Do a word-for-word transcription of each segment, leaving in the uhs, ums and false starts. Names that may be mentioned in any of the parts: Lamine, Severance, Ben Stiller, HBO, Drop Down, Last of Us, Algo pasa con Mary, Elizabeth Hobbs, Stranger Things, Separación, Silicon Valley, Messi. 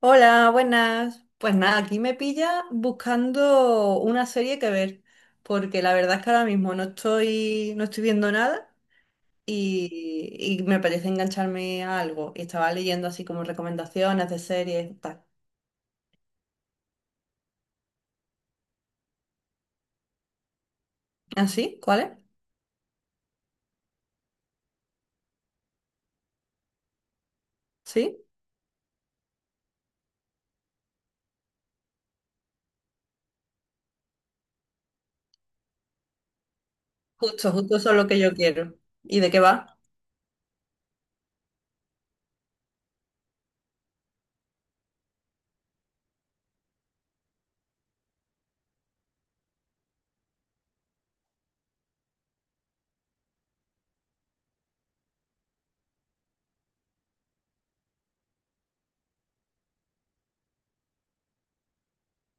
Hola, buenas. Pues nada, aquí me pilla buscando una serie que ver, porque la verdad es que ahora mismo no estoy, no estoy viendo nada y, y me parece engancharme a algo. Y estaba leyendo así como recomendaciones de series y tal. ¿Ah, sí? ¿Cuáles? Sí. Justo, justo eso es lo que yo quiero. ¿Y de qué va?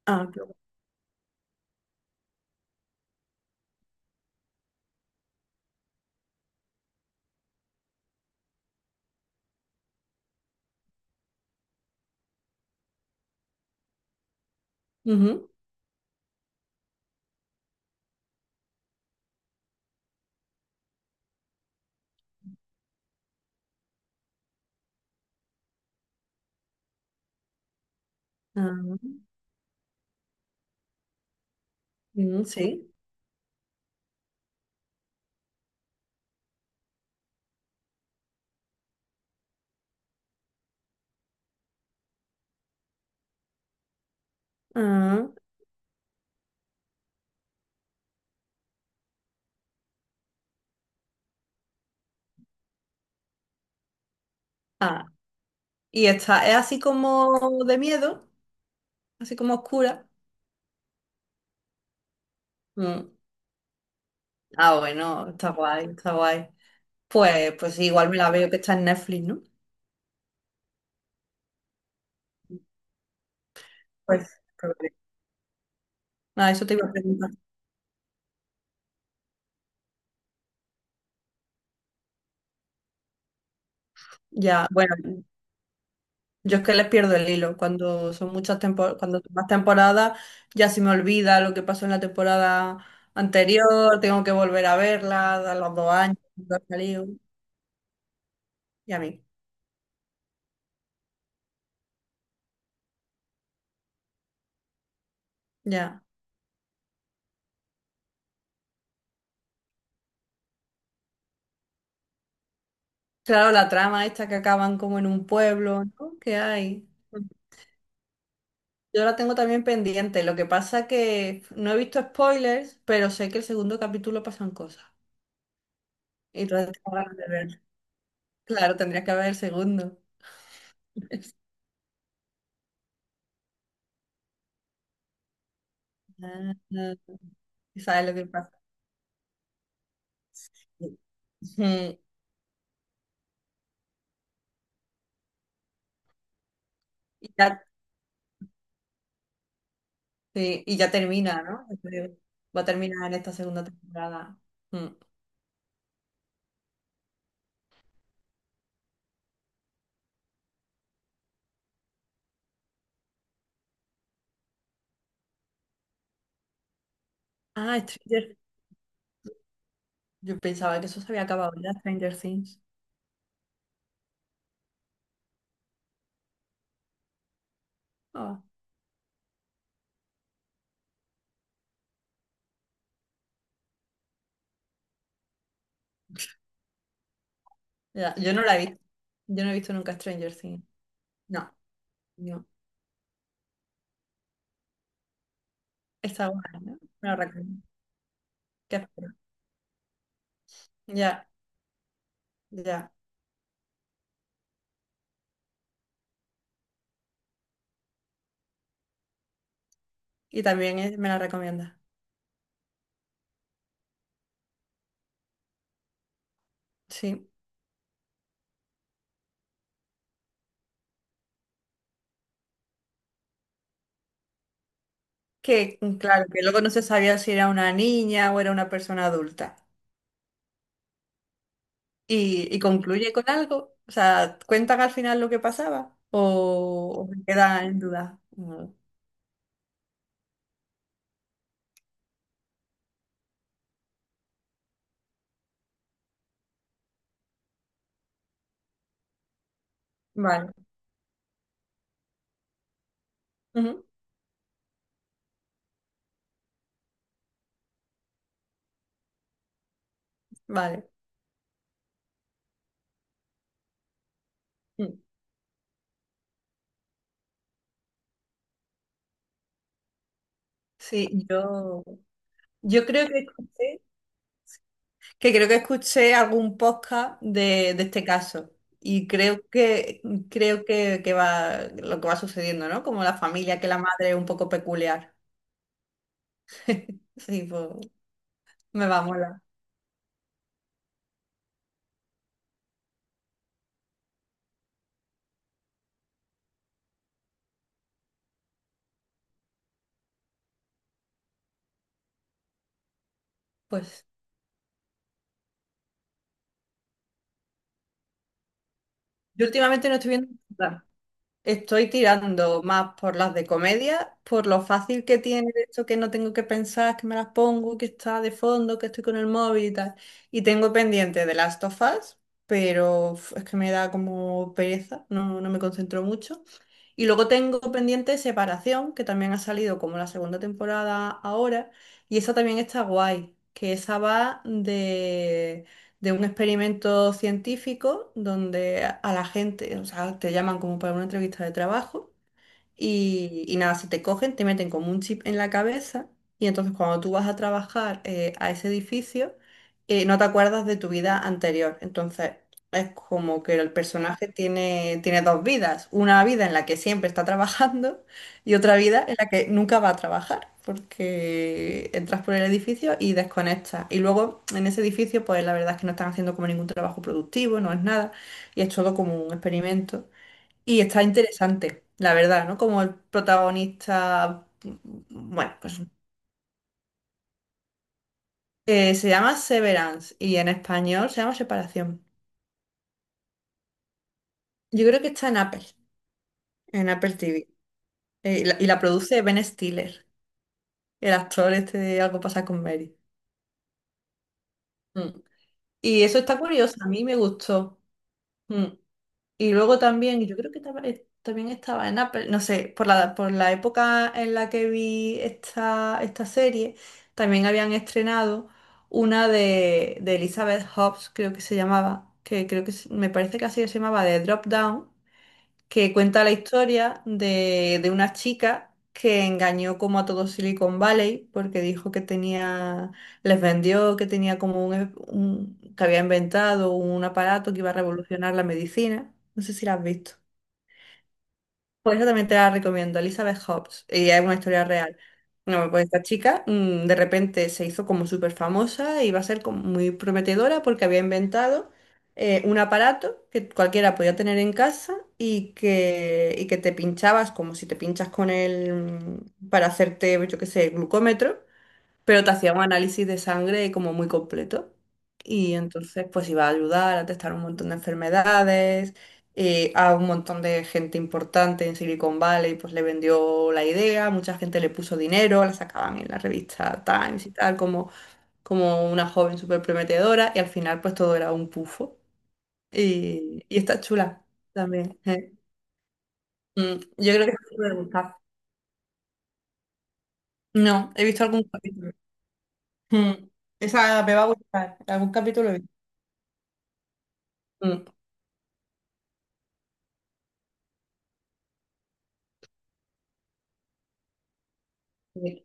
Ah, qué guay. Ujú. Ah, mm, sí. Ah, ah. Y esta es así como de miedo, así como oscura. Mm. Ah, bueno, está guay, está guay. Pues, pues sí, igual me la veo que está en Netflix, ¿no? Pues, probable. Ah, eso te iba a preguntar. Ya, bueno, yo es que les pierdo el hilo. Cuando son muchas temporadas, cuando son más temporadas, ya se me olvida lo que pasó en la temporada anterior, tengo que volver a verla, a los dos años, cuando ha salido, y a mí, ya. Claro, la trama esta que acaban como en un pueblo, ¿no? ¿Qué hay? Yo la tengo también pendiente. Lo que pasa que no he visto spoilers, pero sé que el segundo capítulo pasan cosas. Y entonces tengo ganas de ver. Claro, tendrías que ver el segundo. Ah, y ¿sabes lo que pasa? Ujú. Y ya, sí, y ya termina, ¿no? Creo. Va a terminar en esta segunda temporada. Mm. Ah, Stranger. Yo pensaba que eso se había acabado ya, Stranger Things. Ah. Ya, yo no la he visto. Yo no he visto nunca Stranger Things. No, no. Está buena, ¿no? Me la recomiendo. ¿Qué esperas? Ya, ya. Y también es- me la recomienda. Sí. Que mm, claro, que luego no se sabía si era una niña o era una persona adulta. Y, y concluye con algo. O sea, ¿cuentan al final lo que pasaba? ¿O, o se queda en duda? Mm, vale. Ujú, vale. Mm. Sí, yo, yo creo que escuché. Que creo que escuché algún podcast de, de este caso y creo que creo que, que va lo que va sucediendo, ¿no? Como la familia, que la madre es un poco peculiar. Sí, pues me va a molar. Pues yo últimamente no estoy viendo nada. Estoy tirando más por las de comedia, por lo fácil que tiene esto que no tengo que pensar, que me las pongo, que está de fondo, que estoy con el móvil y tal. Y tengo pendiente de Last of Us, pero uf, es que me da como pereza, no, no me concentro mucho. Y luego tengo pendiente Separación, que también ha salido como la segunda temporada ahora, y esa también está guay, que esa va de, de un experimento científico donde a la gente, o sea, te llaman como para una entrevista de trabajo. Y, y nada, si te cogen, te meten como un chip en la cabeza y entonces cuando tú vas a trabajar eh, a ese edificio, eh, no te acuerdas de tu vida anterior. Entonces es como que el personaje tiene, tiene dos vidas, una vida en la que siempre está trabajando y otra vida en la que nunca va a trabajar, porque entras por el edificio y desconectas. Y luego en ese edificio, pues la verdad es que no están haciendo como ningún trabajo productivo, no es nada, y es todo como un experimento. Y está interesante, la verdad, ¿no? Como el protagonista, bueno, pues eh, se llama Severance y en español se llama Separación. Yo creo que está en Apple, en Apple T V. Eh, y, la, y la produce Ben Stiller, el actor este de Algo pasa con Mary. Mm. Y eso está curioso, a mí me gustó. Mm. Y luego también, yo creo que estaba- eh, también estaba en Apple, no sé, por la, por la época en la que vi esta, esta serie, también habían estrenado una de, de Elizabeth Hobbs, creo que se llamaba, que creo que se- me parece que así se llamaba, de Drop Down, que cuenta la historia de, de una chica que engañó como a todo Silicon Valley porque dijo que tenía, les vendió que tenía como un, un- que había inventado un aparato que iba a revolucionar la medicina. No sé si la has visto. Por eso también te la recomiendo, Elizabeth Hobbs, y es una historia real. No, pues esta chica mm, de repente se hizo como súper famosa y va a ser como muy prometedora porque había inventado eh, un aparato que cualquiera podía tener en casa y que, y que te pinchabas como si te pinchas con él, mm, para hacerte, yo qué sé, glucómetro. Pero te hacía un análisis de sangre como muy completo y entonces pues iba a ayudar a testar un montón de enfermedades, eh, a un montón de gente importante en Silicon Valley pues le vendió la idea, mucha gente le puso dinero, la sacaban en la revista Times y tal como, como una joven súper prometedora y al final pues todo era un pufo y, y está chula también. Eh. Mm, yo creo que te puede gustar. No, he visto algún capítulo. Mm, esa me va a gustar, algún capítulo he visto. Sí.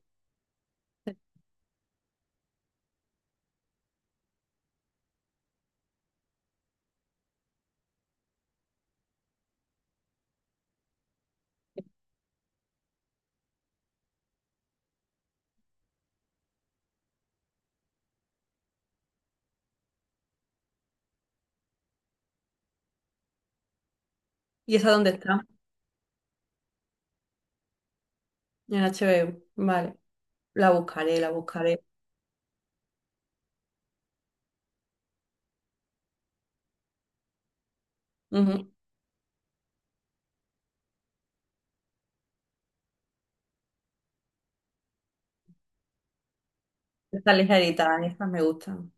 ¿Y esa dónde está? En H B H B O. Vale. La buscaré, la buscaré. Ujú. Estas ligeritas, estas me gustan.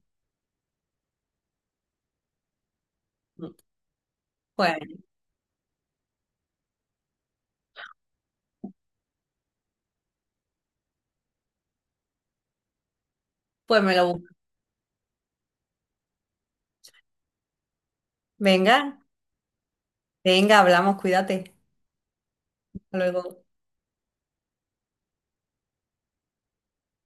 Ujú. Pues, pues me lo busco. Venga, venga, hablamos, cuídate. Hasta luego.